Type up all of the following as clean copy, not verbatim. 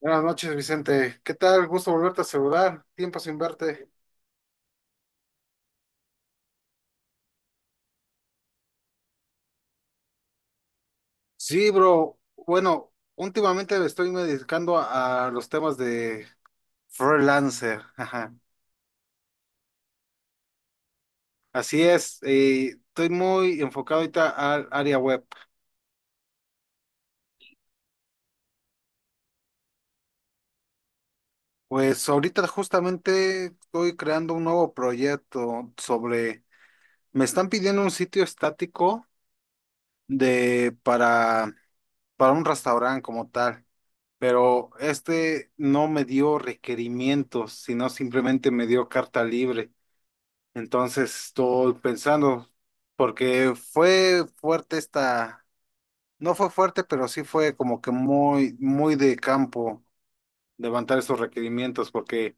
Buenas noches, Vicente. ¿Qué tal? Gusto volverte a saludar. Tiempo sin verte. Sí, bro. Bueno, últimamente me estoy dedicando a los temas de freelancer. Ajá. Así es. Estoy muy enfocado ahorita al área web. Pues ahorita justamente estoy creando un nuevo proyecto sobre... Me están pidiendo un sitio estático de para, para un restaurante como tal. Pero este no me dio requerimientos, sino simplemente me dio carta libre. Entonces estoy pensando, porque no fue fuerte, pero sí fue como que muy muy de campo levantar esos requerimientos, porque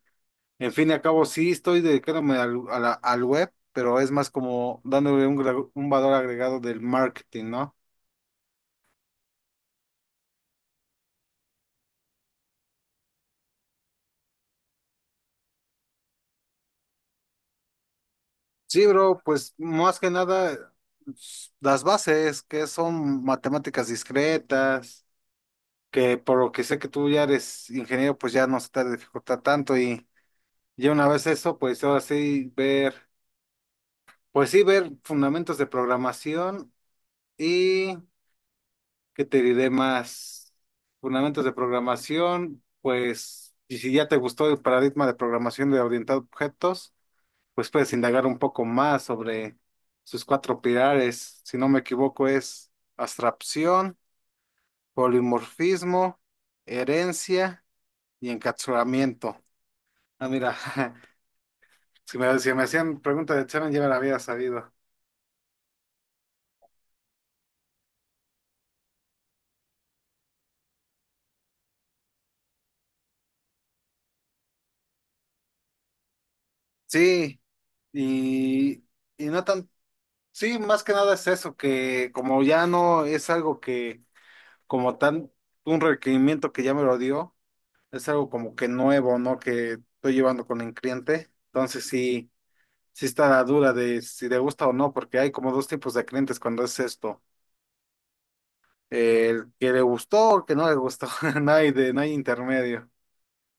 en fin y al cabo sí estoy dedicándome al web, pero es más como dándole un, un valor agregado del marketing, ¿no? Sí, bro, pues más que nada las bases, que son matemáticas discretas, que por lo que sé que tú ya eres ingeniero, pues ya no se te dificulta tanto y ya una vez eso, pues ahora sí ver, pues sí ver fundamentos de programación y que te diré más fundamentos de programación, pues y si ya te gustó el paradigma de programación de orientado a objetos. Pues puedes indagar un poco más sobre sus cuatro pilares. Si no me equivoco, es abstracción, polimorfismo, herencia y encapsulamiento. Ah, mira, si me hacían preguntas de examen, ya me la había sabido. Sí, y, y no tan, sí, más que nada es eso, que como ya no es algo que, como tan, un requerimiento que ya me lo dio, es algo como que nuevo, ¿no? Que estoy llevando con el cliente. Entonces sí. Sí está la duda de si le gusta o no, porque hay como dos tipos de clientes cuando es esto. El que le gustó o el que no le gustó. No hay intermedio.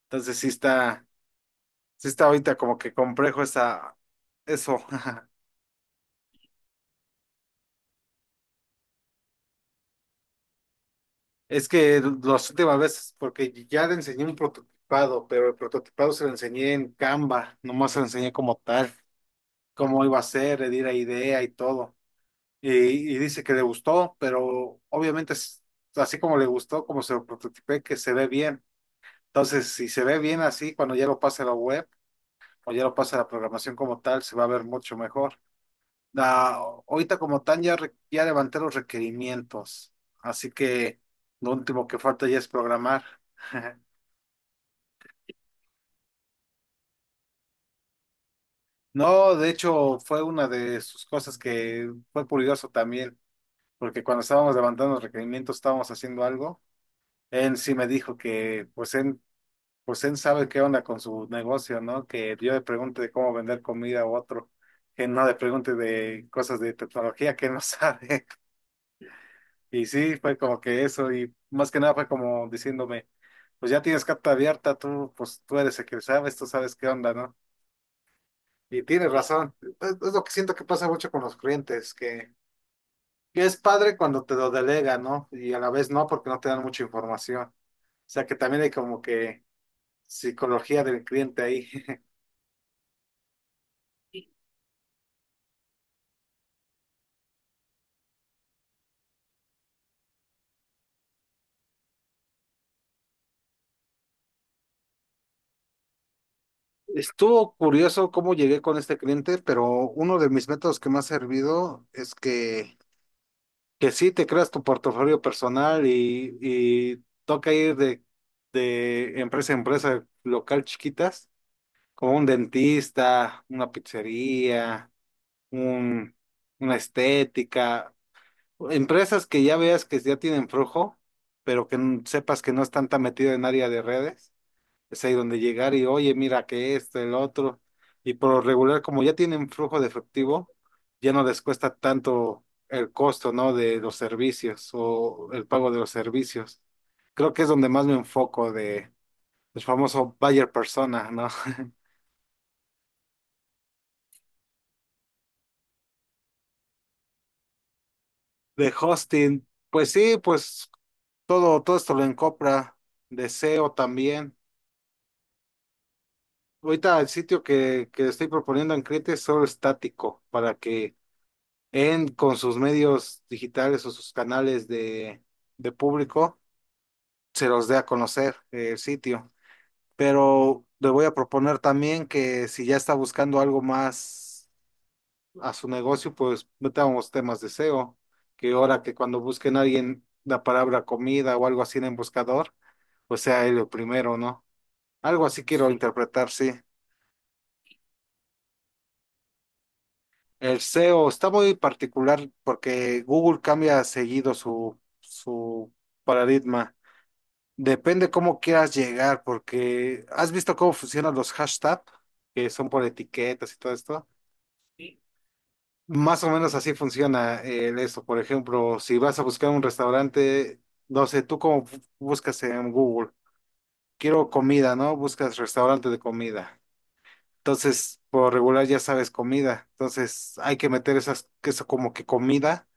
Entonces sí está, sí está ahorita como que complejo eso. Es que las últimas veces, porque ya le enseñé un prototipado, pero el prototipado se lo enseñé en Canva, nomás se lo enseñé como tal, cómo iba a ser, le di la idea y todo. Y, y dice que le gustó, pero obviamente es así como le gustó, como se lo prototipé, que se ve bien. Entonces, si se ve bien así, cuando ya lo pase a la web o ya lo pase a la programación como tal, se va a ver mucho mejor. Ah, ahorita como tal ya, ya levanté los requerimientos, así que lo último que falta ya es programar. No, de hecho fue una de sus cosas que fue curioso también, porque cuando estábamos levantando los requerimientos, estábamos haciendo algo, él sí me dijo que pues él sabe qué onda con su negocio, ¿no? Que yo le pregunte de cómo vender comida a otro, que no le pregunte de cosas de tecnología que él no sabe. Y sí, fue como que eso, y más que nada fue como diciéndome, pues ya tienes carta abierta, tú, pues tú eres el que sabes, tú sabes qué onda, ¿no? Y tienes razón, es lo que siento que pasa mucho con los clientes, que es padre cuando te lo delegan, ¿no? Y a la vez no, porque no te dan mucha información. O sea que también hay como que psicología del cliente ahí. Estuvo curioso cómo llegué con este cliente, pero uno de mis métodos que me ha servido es que sí te creas tu portafolio personal y toca ir de empresa a empresa local chiquitas, como un dentista, una pizzería, un, una estética, empresas que ya veas que ya tienen flujo, pero que sepas que no están tan metido en área de redes es ahí donde llegar y, oye, mira que esto, el otro. Y por lo regular, como ya tienen flujo de efectivo, ya no les cuesta tanto el costo, ¿no? De los servicios o el pago de los servicios. Creo que es donde más me enfoco de el famoso buyer persona, ¿no? De hosting. Pues sí, pues todo, todo esto lo encopra. De SEO también. Ahorita el sitio que estoy proponiendo en Crete es solo estático para que en, con sus medios digitales o sus canales de público, se los dé a conocer el sitio. Pero le voy a proponer también que si ya está buscando algo más a su negocio, pues metamos temas de SEO, que ahora que cuando busquen a alguien la palabra comida o algo así en el buscador, pues sea él el primero, ¿no? Algo así quiero interpretar, sí. El SEO está muy particular porque Google cambia seguido su paradigma. Depende cómo quieras llegar, porque has visto cómo funcionan los hashtags, que son por etiquetas y todo esto. Sí. Más o menos así funciona el eso. Por ejemplo, si vas a buscar un restaurante, no sé, tú cómo buscas en Google, quiero comida, ¿no? Buscas restaurante de comida. Entonces, por regular ya sabes comida. Entonces, hay que meter esas, que eso como que comida.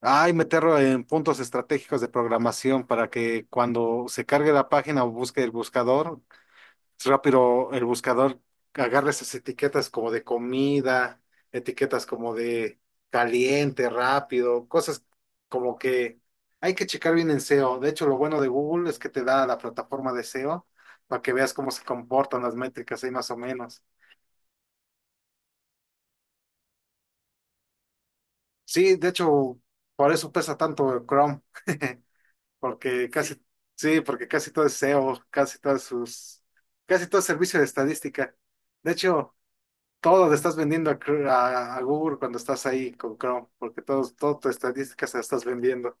Hay meterlo en puntos estratégicos de programación para que cuando se cargue la página o busque el buscador rápido el buscador agarra esas etiquetas como de comida, etiquetas como de caliente, rápido, cosas como que hay que checar bien en SEO. De hecho, lo bueno de Google es que te da la plataforma de SEO para que veas cómo se comportan las métricas ahí más o menos. Sí, de hecho, por eso pesa tanto el Chrome, porque sí. Sí, sí, porque casi todo es SEO, casi todas sus, casi todo es servicio de estadística. De hecho, todo le estás vendiendo a, a Google cuando estás ahí con Chrome, porque todas tus estadísticas las estás vendiendo.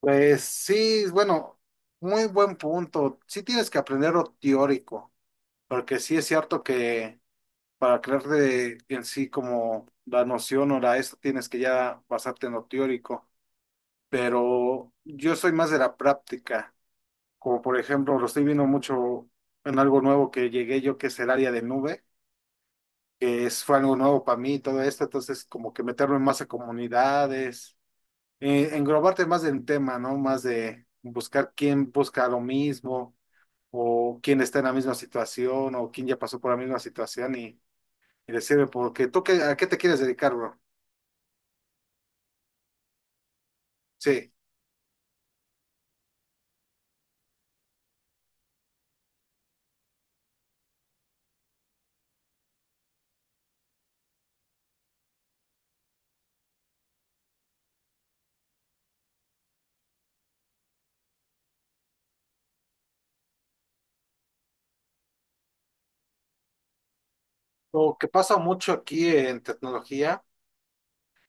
Pues sí, bueno, muy buen punto. Sí tienes que aprender lo teórico, porque sí es cierto que para crear en sí como la noción o la esto tienes que ya basarte en lo teórico, pero yo soy más de la práctica, como por ejemplo lo estoy viendo mucho en algo nuevo que llegué yo que es el área de nube. Que es, fue algo nuevo para mí todo esto, entonces como que meterme más a comunidades, englobarte más del tema, ¿no? Más de buscar quién busca lo mismo o quién está en la misma situación o quién ya pasó por la misma situación y decirle, porque tú qué, a qué te quieres dedicar, bro. Sí, lo que pasa mucho aquí en tecnología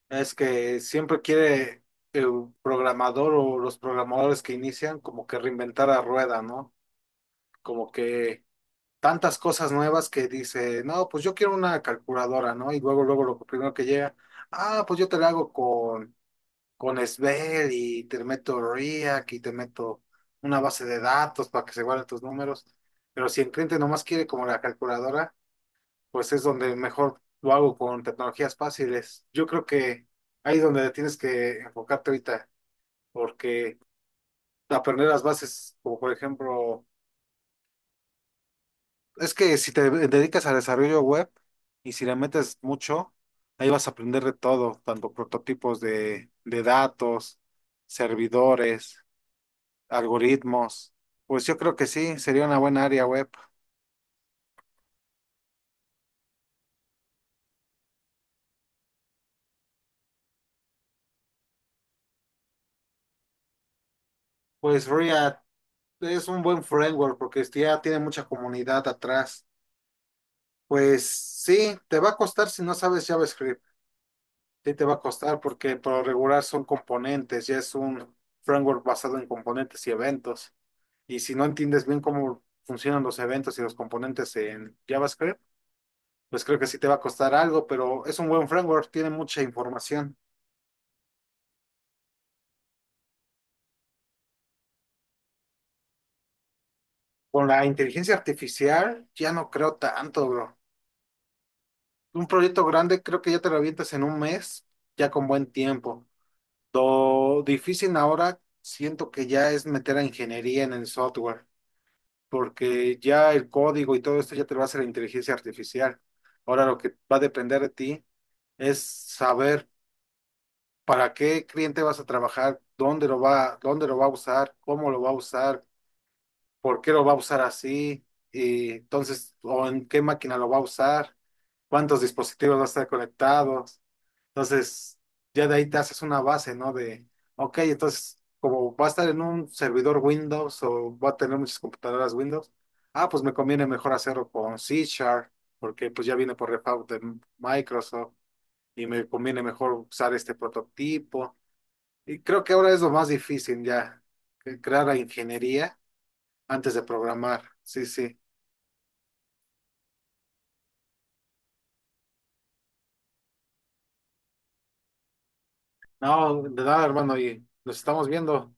es que siempre quiere el programador o los programadores que inician como que reinventar la rueda, ¿no? Como que tantas cosas nuevas que dice, no, pues yo quiero una calculadora, ¿no? Y luego lo primero que llega, ah, pues yo te la hago con Svel y te meto RIAC y te meto una base de datos para que se guarden tus números. Pero si el cliente nomás quiere como la calculadora, pues es donde mejor lo hago con tecnologías fáciles. Yo creo que ahí es donde tienes que enfocarte ahorita, porque aprender las bases, como por ejemplo es que si te dedicas al desarrollo web y si le metes mucho, ahí vas a aprender de todo, tanto prototipos de datos, servidores, algoritmos. Pues yo creo que sí, sería una buena área web. Pues React es un buen framework porque ya tiene mucha comunidad atrás. Pues sí, te va a costar si no sabes JavaScript. Sí, te va a costar porque por lo regular son componentes, ya es un framework basado en componentes y eventos. Y si no entiendes bien cómo funcionan los eventos y los componentes en JavaScript, pues creo que sí te va a costar algo, pero es un buen framework, tiene mucha información. Con la inteligencia artificial ya no creo tanto, bro. Un proyecto grande creo que ya te lo avientas en un mes, ya con buen tiempo. Lo difícil ahora siento que ya es meter a ingeniería en el software, porque ya el código y todo esto ya te lo hace la inteligencia artificial. Ahora lo que va a depender de ti es saber para qué cliente vas a trabajar, dónde lo va a usar, cómo lo va a usar, por qué lo va a usar así, y entonces, o en qué máquina lo va a usar, cuántos dispositivos va a estar conectados. Entonces, ya de ahí te haces una base, ¿no? De, ok, entonces, como va a estar en un servidor Windows o va a tener muchas computadoras Windows, ah, pues me conviene mejor hacerlo con C Sharp, porque pues ya viene por repago de Microsoft y me conviene mejor usar este prototipo. Y creo que ahora es lo más difícil ya, que crear la ingeniería antes de programar. Sí, sí. No, de nada, hermano, y nos estamos viendo.